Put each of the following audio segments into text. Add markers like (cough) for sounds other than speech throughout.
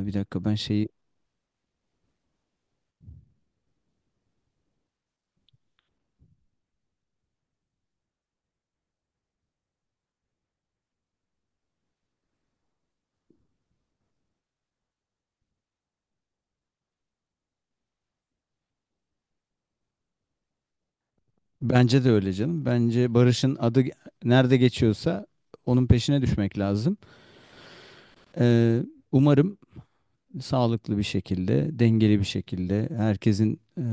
Bir dakika ben şeyi bence de öyle canım. Bence Barış'ın adı nerede geçiyorsa onun peşine düşmek lazım. Ee, umarım sağlıklı bir şekilde, dengeli bir şekilde herkesin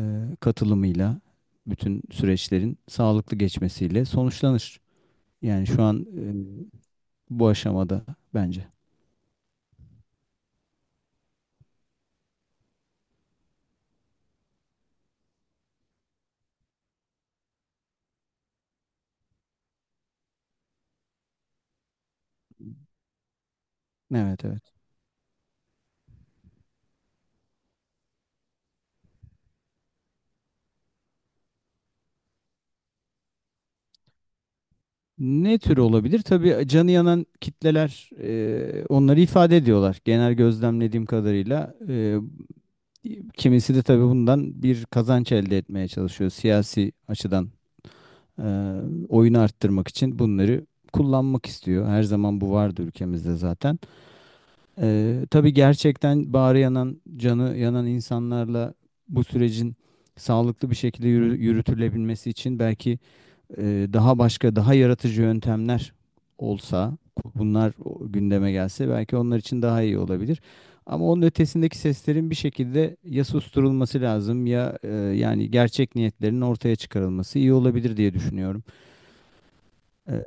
katılımıyla bütün süreçlerin sağlıklı geçmesiyle sonuçlanır. Yani şu an bu aşamada bence. Evet, evet. Ne tür olabilir? Tabii canı yanan kitleler onları ifade ediyorlar. Genel gözlemlediğim kadarıyla, kimisi de tabii bundan bir kazanç elde etmeye çalışıyor. Siyasi açıdan e, oyunu arttırmak için bunları kullanmak istiyor. Her zaman bu vardı ülkemizde zaten. Tabii gerçekten bağrı yanan, canı yanan insanlarla bu sürecin sağlıklı bir şekilde yürütülebilmesi için belki e, daha başka daha yaratıcı yöntemler olsa bunlar gündeme gelse belki onlar için daha iyi olabilir. Ama onun ötesindeki seslerin bir şekilde ya susturulması lazım ya yani gerçek niyetlerinin ortaya çıkarılması iyi olabilir diye düşünüyorum. E,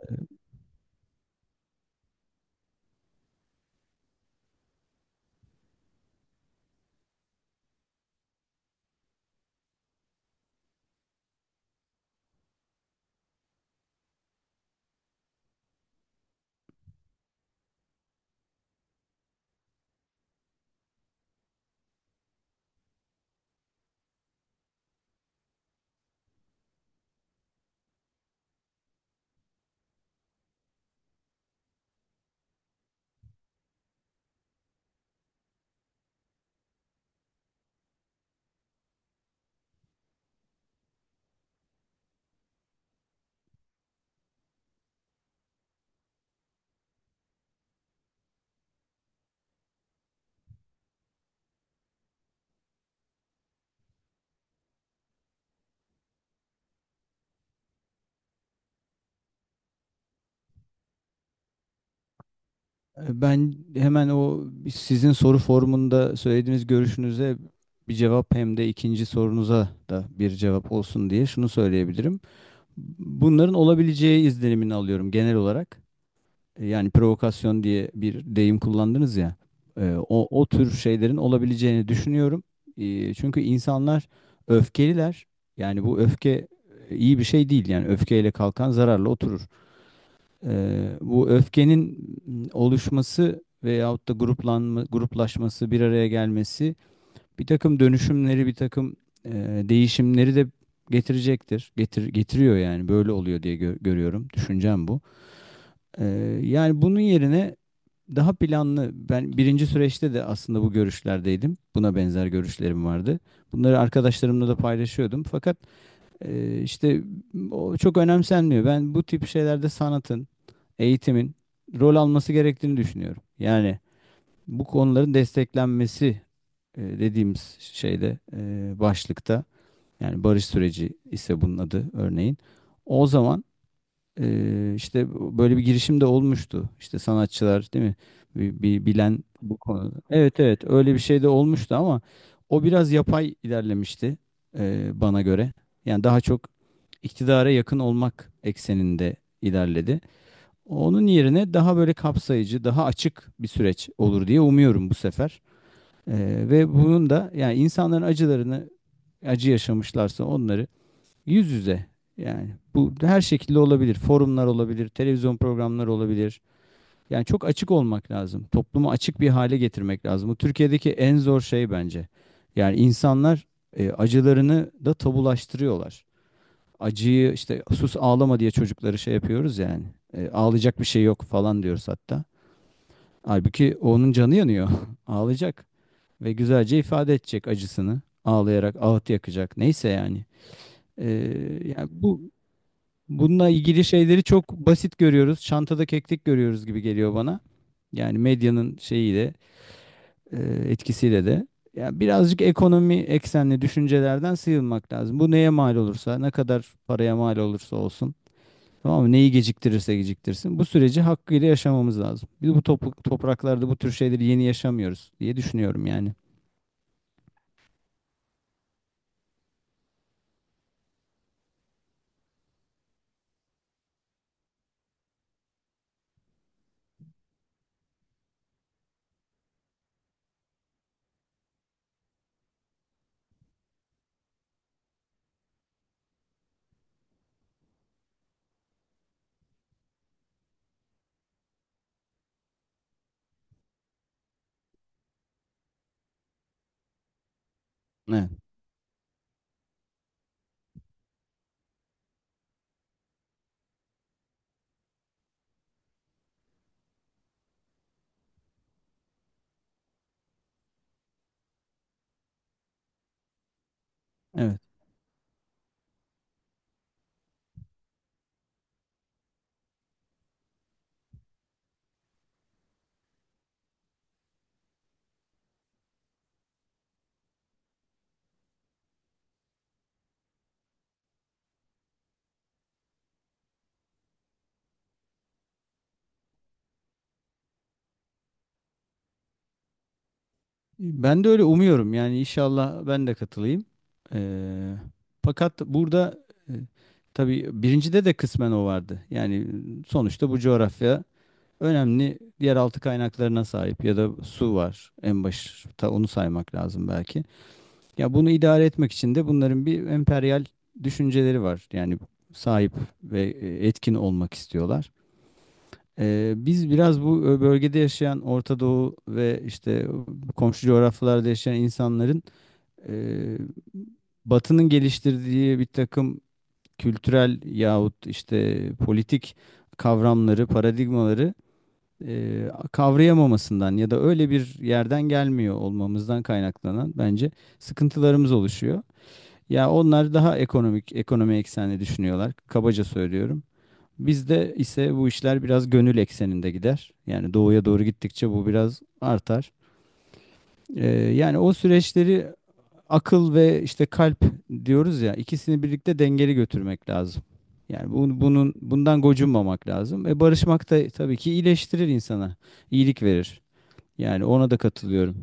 ben hemen o sizin soru formunda söylediğiniz görüşünüze bir cevap hem de ikinci sorunuza da bir cevap olsun diye şunu söyleyebilirim. Bunların olabileceği izlenimini alıyorum genel olarak. Yani provokasyon diye bir deyim kullandınız ya. O tür şeylerin olabileceğini düşünüyorum. Çünkü insanlar öfkeliler. Yani bu öfke iyi bir şey değil. Yani öfkeyle kalkan zararla oturur. Bu öfkenin oluşması veyahut da gruplanma, gruplaşması, bir araya gelmesi bir takım dönüşümleri, bir takım e, değişimleri de getirecektir. Getiriyor yani böyle oluyor diye görüyorum. Düşüncem bu. Ee, yani bunun yerine daha planlı ben birinci süreçte de aslında bu görüşlerdeydim. Buna benzer görüşlerim vardı. Bunları arkadaşlarımla da paylaşıyordum. Fakat işte o çok önemsenmiyor. Ben bu tip şeylerde sanatın, eğitimin rol alması gerektiğini düşünüyorum. Yani bu konuların desteklenmesi dediğimiz şeyde başlıkta yani barış süreci ise bunun adı örneğin. O zaman işte böyle bir girişim de olmuştu. İşte sanatçılar değil mi? Bir bilen bu konuda. Evet, evet, öyle bir şey de olmuştu ama o biraz yapay ilerlemişti, bana göre. Yani daha çok iktidara yakın olmak ekseninde ilerledi. Onun yerine daha böyle kapsayıcı, daha açık bir süreç olur diye umuyorum bu sefer. Ve bunun da yani insanların acılarını acı yaşamışlarsa onları yüz yüze. Yani bu her şekilde olabilir. Forumlar olabilir, televizyon programları olabilir. Yani çok açık olmak lazım. Toplumu açık bir hale getirmek lazım. Bu Türkiye'deki en zor şey bence. Yani insanlar acılarını da tabulaştırıyorlar. Acıyı işte sus ağlama diye çocukları şey yapıyoruz yani. Ağlayacak bir şey yok falan diyoruz hatta. Halbuki onun canı yanıyor. (laughs) Ağlayacak ve güzelce ifade edecek acısını. Ağlayarak ağıt yakacak. Neyse yani. E, yani bu Bununla ilgili şeyleri çok basit görüyoruz. Çantada keklik görüyoruz gibi geliyor bana. Yani medyanın şeyiyle, etkisiyle de. Ya birazcık ekonomi eksenli düşüncelerden sıyrılmak lazım. Bu neye mal olursa, ne kadar paraya mal olursa olsun. Tamam mı? Neyi geciktirirse geciktirsin. Bu süreci hakkıyla yaşamamız lazım. Biz bu topraklarda bu tür şeyleri yeni yaşamıyoruz diye düşünüyorum yani. Evet. Evet. Ben de öyle umuyorum. Yani inşallah ben de katılayım. Eee, fakat burada e, tabii birincide de kısmen o vardı. Yani sonuçta bu coğrafya önemli yeraltı kaynaklarına sahip ya da su var. En başta onu saymak lazım belki. Ya bunu idare etmek için de bunların bir emperyal düşünceleri var. Yani sahip ve etkin olmak istiyorlar. Biz biraz bu bölgede yaşayan Orta Doğu ve işte komşu coğrafyalarda yaşayan insanların e, Batı'nın geliştirdiği bir takım kültürel yahut işte politik kavramları, paradigmaları kavrayamamasından ya da öyle bir yerden gelmiyor olmamızdan kaynaklanan bence sıkıntılarımız oluşuyor. Ya onlar daha ekonomik, ekonomi eksenli düşünüyorlar. Kabaca söylüyorum. Bizde ise bu işler biraz gönül ekseninde gider. Yani doğuya doğru gittikçe bu biraz artar. Yani o süreçleri akıl ve işte kalp diyoruz ya ikisini birlikte dengeli götürmek lazım. Yani bunun bundan gocunmamak lazım. Barışmak da tabii ki iyileştirir insana, iyilik verir. Yani ona da katılıyorum.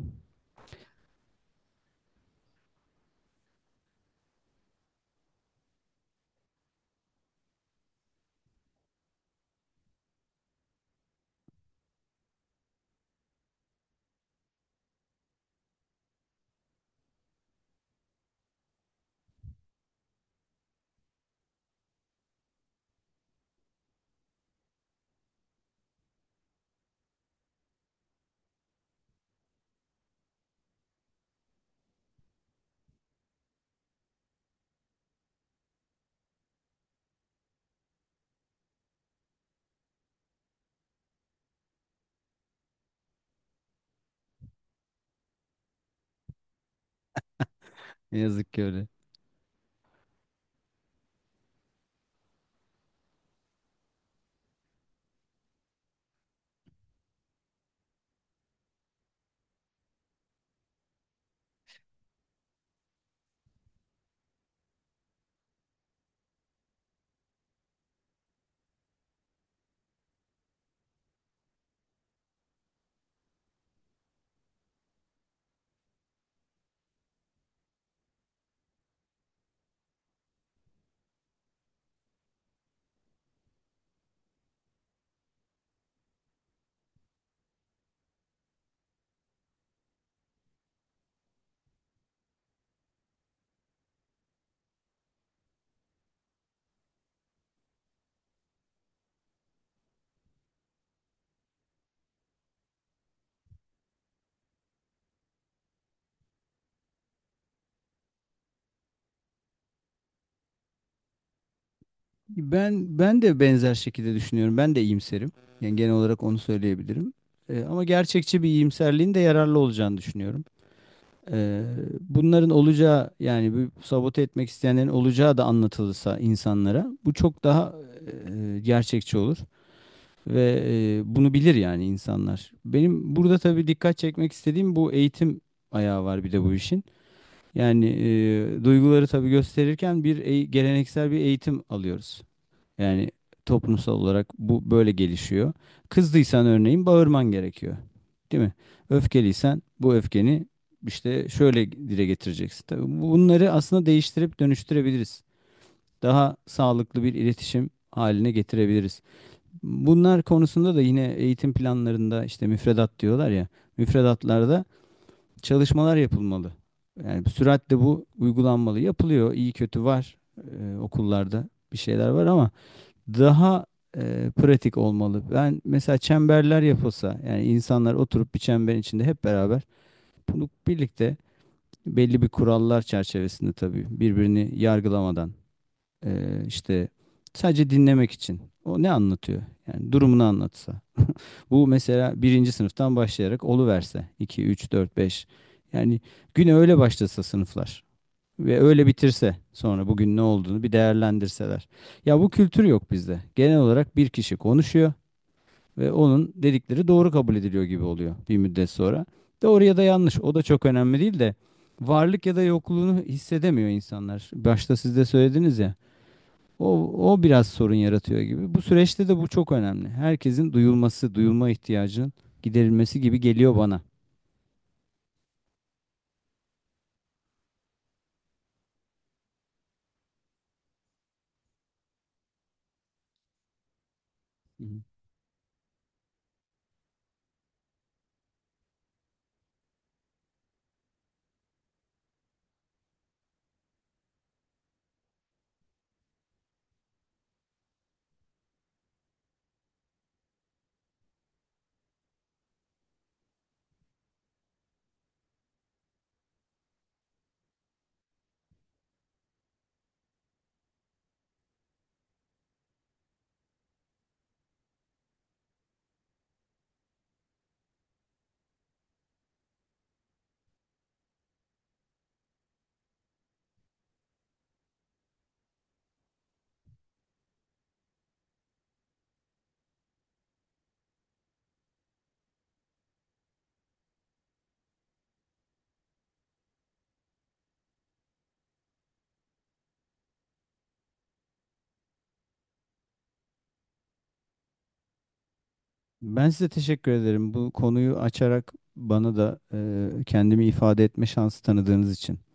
Ne yazık ki öyle. Ben de benzer şekilde düşünüyorum. Ben de iyimserim. Yani genel olarak onu söyleyebilirim. Ama gerçekçi bir iyimserliğin de yararlı olacağını düşünüyorum. Eee, bunların olacağı yani bu sabote etmek isteyenlerin olacağı da anlatılırsa insanlara bu çok daha gerçekçi olur ve bunu bilir yani insanlar. Benim burada tabii dikkat çekmek istediğim bu eğitim ayağı var bir de bu işin. Yani duyguları tabii gösterirken bir geleneksel bir eğitim alıyoruz. Yani toplumsal olarak bu böyle gelişiyor. Kızdıysan örneğin bağırman gerekiyor. Değil mi? Öfkeliysen bu öfkeni işte şöyle dile getireceksin. Tabii bunları aslında değiştirip dönüştürebiliriz. Daha sağlıklı bir iletişim haline getirebiliriz. Bunlar konusunda da yine eğitim planlarında işte müfredat diyorlar ya, müfredatlarda çalışmalar yapılmalı. Yani süratle bu uygulanmalı. Yapılıyor, iyi kötü var. Okullarda bir şeyler var ama daha pratik olmalı. Ben mesela çemberler yapılsa yani insanlar oturup bir çemberin içinde hep beraber bunu birlikte belli bir kurallar çerçevesinde tabii birbirini yargılamadan işte sadece dinlemek için o ne anlatıyor? Yani durumunu anlatsa. Bu mesela birinci sınıftan başlayarak oluverse 2 3 4 5 yani güne öyle başlasa sınıflar. Ve öyle bitirse sonra bugün ne olduğunu bir değerlendirseler. Ya bu kültür yok bizde. Genel olarak bir kişi konuşuyor ve onun dedikleri doğru kabul ediliyor gibi oluyor bir müddet sonra. Doğru ya da yanlış o da çok önemli değil de varlık ya da yokluğunu hissedemiyor insanlar. Başta siz de söylediniz ya. O biraz sorun yaratıyor gibi. Bu süreçte de bu çok önemli. Herkesin duyulması, duyulma ihtiyacının giderilmesi gibi geliyor bana. Hı, hı. Ben size teşekkür ederim. Bu konuyu açarak bana da kendimi ifade etme şansı tanıdığınız için.